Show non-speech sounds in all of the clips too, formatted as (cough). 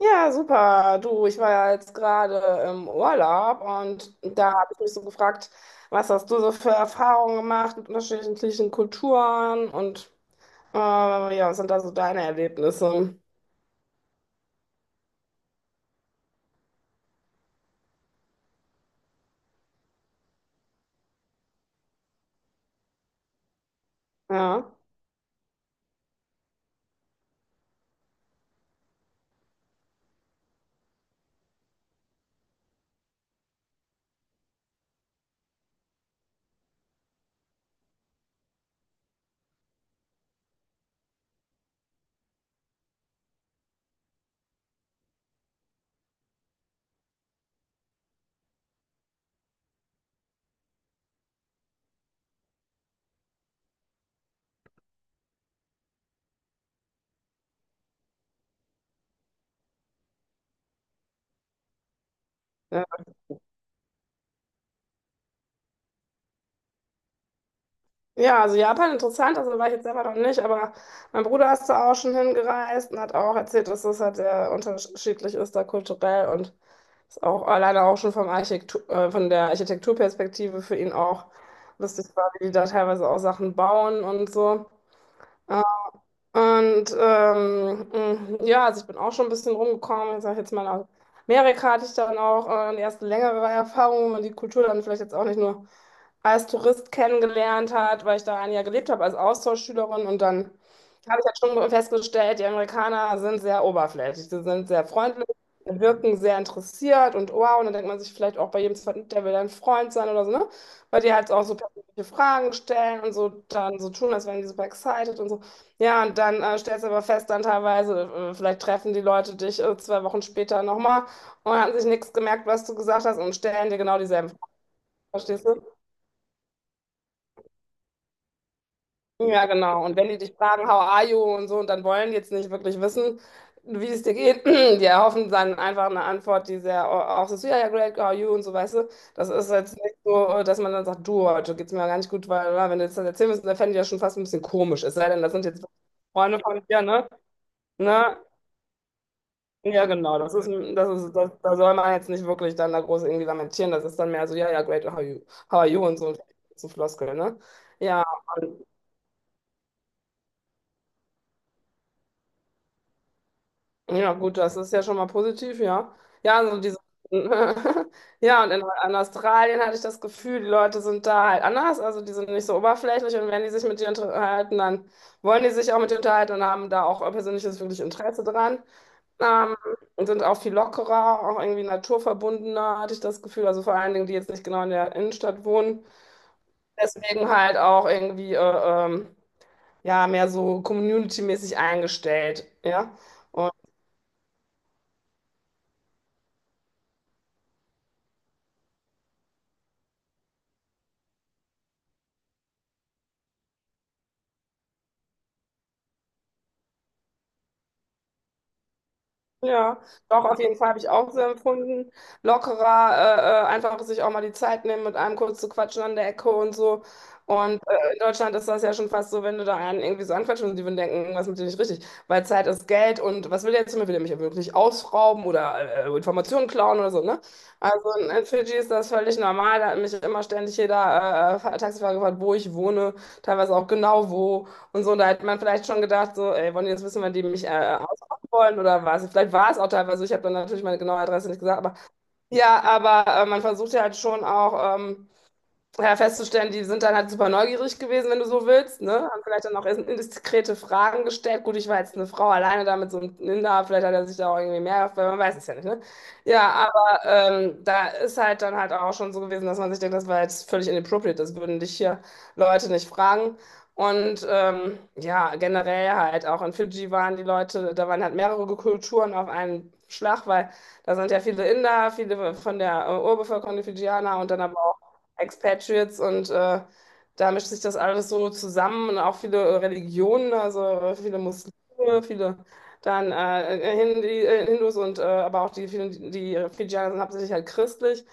Ja, super. Du, ich war ja jetzt gerade im Urlaub und da habe ich mich so gefragt, was hast du so für Erfahrungen gemacht mit unterschiedlichen Kulturen und ja, was sind da so deine Erlebnisse? Ja, ja. Ja, also Japan interessant, also war ich jetzt selber noch nicht, aber mein Bruder ist da auch schon hingereist und hat auch erzählt, dass das halt sehr unterschiedlich ist da kulturell und ist auch alleine auch schon von der Architekturperspektive für ihn auch lustig war, wie die da teilweise auch Sachen bauen und so. Und ja, also ich bin auch schon ein bisschen rumgekommen. Ich sage jetzt mal, aus Amerika hatte ich dann auch eine erste längere Erfahrung, wo man die Kultur dann vielleicht jetzt auch nicht nur als Tourist kennengelernt hat, weil ich da ein Jahr gelebt habe als Austauschschülerin. Und dann habe ich halt schon festgestellt, die Amerikaner sind sehr oberflächlich, sie sind sehr freundlich, wirken sehr interessiert und wow. Und dann denkt man sich vielleicht auch bei jedem zweiten, der will dein Freund sein oder so, ne? Weil die halt auch so persönliche Fragen stellen und so dann so tun, als wären die super excited und so. Ja, und dann stellst du aber fest, dann teilweise, vielleicht treffen die Leute dich 2 Wochen später nochmal und haben sich nichts gemerkt, was du gesagt hast und stellen dir genau dieselben Fragen, verstehst du? Ja, genau. Und wenn die dich fragen, how are you und so, und dann wollen die jetzt nicht wirklich wissen, wie es dir geht, (clears throat) die erhoffen dann einfach eine Antwort, die sehr auch so, ist, ja, ja, great, how are you und so, weißt du? Das ist jetzt nicht so, dass man dann sagt, du, heute geht's mir gar nicht gut, weil, na, wenn du jetzt das erzählen müsstest, dann fände ich ja schon fast ein bisschen komisch, es sei denn, das sind jetzt Freunde von dir, ne? Ne? Ja, genau, das ist, ein- das ist, das, da soll man jetzt nicht wirklich dann da groß irgendwie lamentieren, das ist dann mehr so, ja, ja, great, how are you und so, so Floskel, ne? Ja, Ja, gut, das ist ja schon mal positiv, ja. Ja, (laughs) ja, und in Australien hatte ich das Gefühl, die Leute sind da halt anders, also die sind nicht so oberflächlich und wenn die sich mit dir unterhalten, dann wollen die sich auch mit dir unterhalten und haben da auch persönliches wirklich Interesse dran. Ähm, und sind auch viel lockerer, auch irgendwie naturverbundener, hatte ich das Gefühl. Also vor allen Dingen, die jetzt nicht genau in der Innenstadt wohnen. Deswegen halt auch irgendwie ähm, ja, mehr so community-mäßig eingestellt. Ja. Ja, doch, auf jeden Fall habe ich auch so empfunden. Lockerer, einfach sich auch mal die Zeit nehmen, mit einem kurz zu quatschen an der Ecke und so. Und in Deutschland ist das ja schon fast so, wenn du da einen irgendwie so anquatschst und die würden denken, irgendwas mit dir nicht richtig. Weil Zeit ist Geld und was will der jetzt von mir? Will der mich ja wirklich ausrauben oder Informationen klauen oder so, ne? Also in Fidschi ist das völlig normal. Da hat mich immer ständig jeder Taxifahrer gefragt, wo ich wohne, teilweise auch genau wo und so. Und da hätte man vielleicht schon gedacht, so, ey, wollen die jetzt wissen, wenn die mich wollen oder was. Vielleicht war es auch teilweise so, ich habe dann natürlich meine genaue Adresse nicht gesagt, aber ja, aber man versucht ja halt schon auch, ja, festzustellen, die sind dann halt super neugierig gewesen, wenn du so willst, ne? Haben vielleicht dann auch erst indiskrete Fragen gestellt. Gut, ich war jetzt eine Frau alleine da mit so einem Inder, vielleicht hat er sich da auch irgendwie mehr, weil man weiß es ja nicht, ne? Ja, aber da ist halt dann halt auch schon so gewesen, dass man sich denkt, das war jetzt völlig inappropriate, das würden dich hier Leute nicht fragen. Und ja, generell halt auch in Fidschi waren die Leute, da waren halt mehrere Kulturen auf einen Schlag, weil da sind ja viele Inder, viele von der Urbevölkerung, die Fidschianer und dann aber auch Expatriates und da mischt sich das alles so zusammen und auch viele Religionen, also viele Muslime, viele dann Hindus und aber auch die vielen, die Fidschaner sind hauptsächlich halt christlich.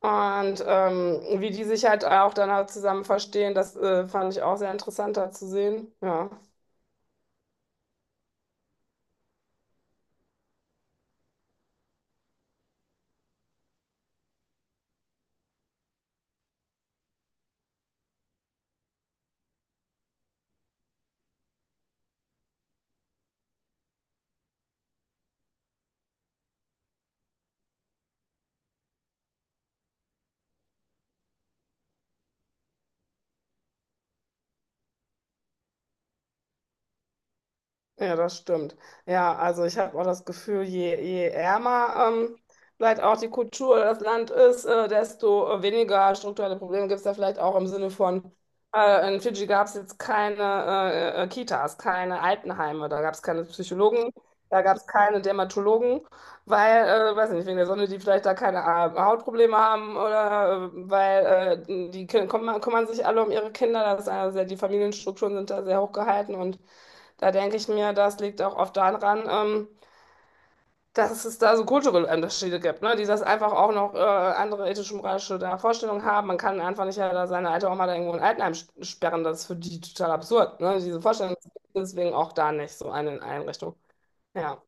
Und wie die sich halt auch dann halt zusammen verstehen, das fand ich auch sehr interessant da zu sehen. Ja. Ja, das stimmt. Ja, also ich habe auch das Gefühl, je ärmer vielleicht auch die Kultur oder das Land ist, desto weniger strukturelle Probleme gibt es da vielleicht auch im Sinne von, in Fidschi gab es jetzt keine Kitas, keine Altenheime, da gab es keine Psychologen, da gab es keine Dermatologen, weil, weiß nicht, wegen der Sonne, die vielleicht da keine Hautprobleme haben oder weil die Kinder kümmern sich alle um ihre Kinder, das ist eine sehr, die Familienstrukturen sind da sehr hochgehalten und da denke ich mir, das liegt auch oft daran, dass es da so kulturelle Unterschiede gibt, ne? Die das einfach auch noch andere ethisch-moralische da Vorstellungen haben. Man kann einfach nicht ja, da seine alte Oma da irgendwo in Altenheim sperren. Das ist für die total absurd, ne? Diese Vorstellung ist deswegen auch da nicht so eine Einrichtung. Ja.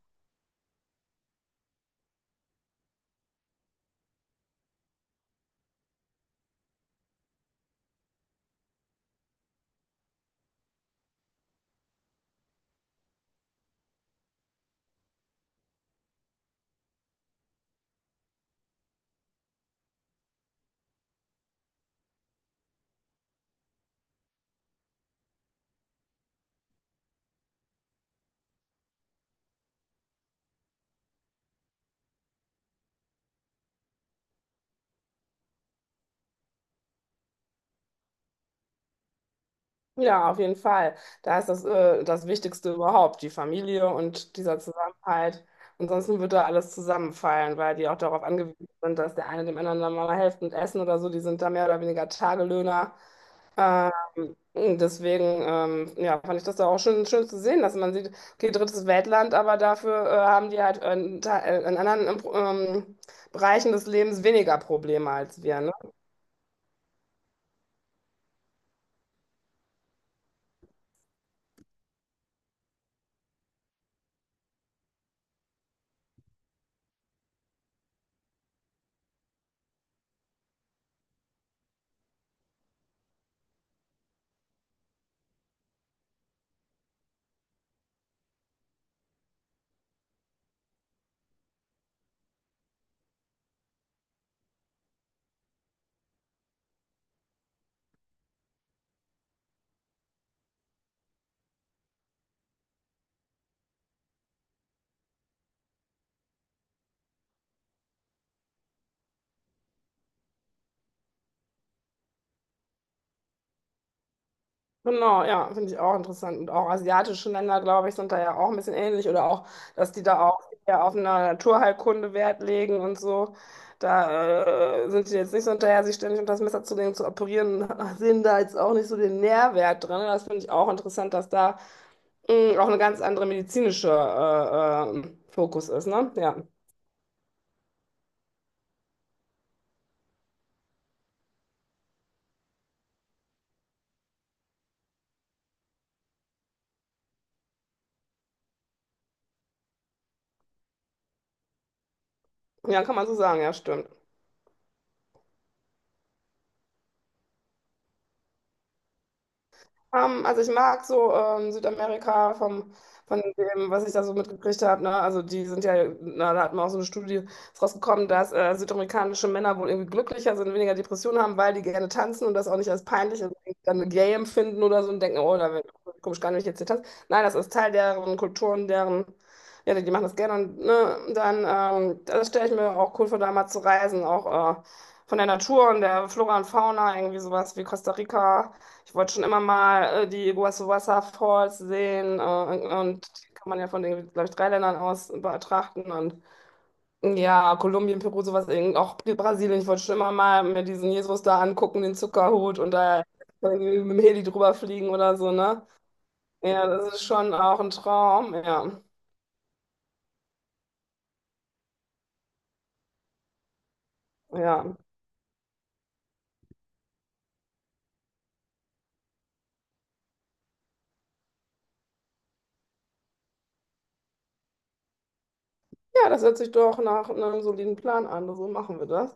Ja, auf jeden Fall. Da ist das Wichtigste überhaupt, die Familie und dieser Zusammenhalt. Ansonsten wird da alles zusammenfallen, weil die auch darauf angewiesen sind, dass der eine dem anderen dann mal hilft und essen oder so. Die sind da mehr oder weniger Tagelöhner. Ähm, deswegen, ja, fand ich das da auch schön, schön zu sehen, dass man sieht, okay, drittes Weltland, aber dafür haben die halt in anderen Bereichen des Lebens weniger Probleme als wir, ne? Genau, ja, finde ich auch interessant. Und auch asiatische Länder, glaube ich, sind da ja auch ein bisschen ähnlich oder auch, dass die da auch eher auf eine Naturheilkunde Wert legen und so. Da sind die jetzt nicht so hinterher, sich ständig unter das Messer zu legen, zu operieren, (laughs) sehen da jetzt auch nicht so den Nährwert drin. Das finde ich auch interessant, dass da auch eine ganz andere medizinische Fokus ist, ne? Ja. Ja, kann man so sagen, ja, stimmt. Also ich mag so Südamerika von dem, was ich da so mitgekriegt habe. Ne? Also die sind ja, na, da hat man auch so eine Studie ist rausgekommen, dass südamerikanische Männer wohl irgendwie glücklicher sind, weniger Depressionen haben, weil die gerne tanzen und das auch nicht als peinlich und dann gay empfinden oder so und denken, oh, da wird komisch gar nicht wenn ich jetzt hier tanzen. Nein, das ist Teil deren Kulturen, deren, ja, die machen das gerne und ne, dann, das stelle ich mir auch cool vor, da mal zu reisen, auch von der Natur und der Flora und Fauna, irgendwie sowas wie Costa Rica. Ich wollte schon immer mal die Iguazu Waterfalls sehen und die kann man ja von den, glaube ich, drei Ländern aus betrachten und ja, Kolumbien, Peru, sowas, eben auch Brasilien. Ich wollte schon immer mal mir diesen Jesus da angucken, den Zuckerhut und da irgendwie mit dem Heli drüber fliegen oder so, ne? Ja, das ist schon auch ein Traum, ja. Ja, ja, das hört sich doch nach einem soliden Plan an. So machen wir das.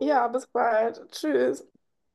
Ja, bis bald. Tschüss.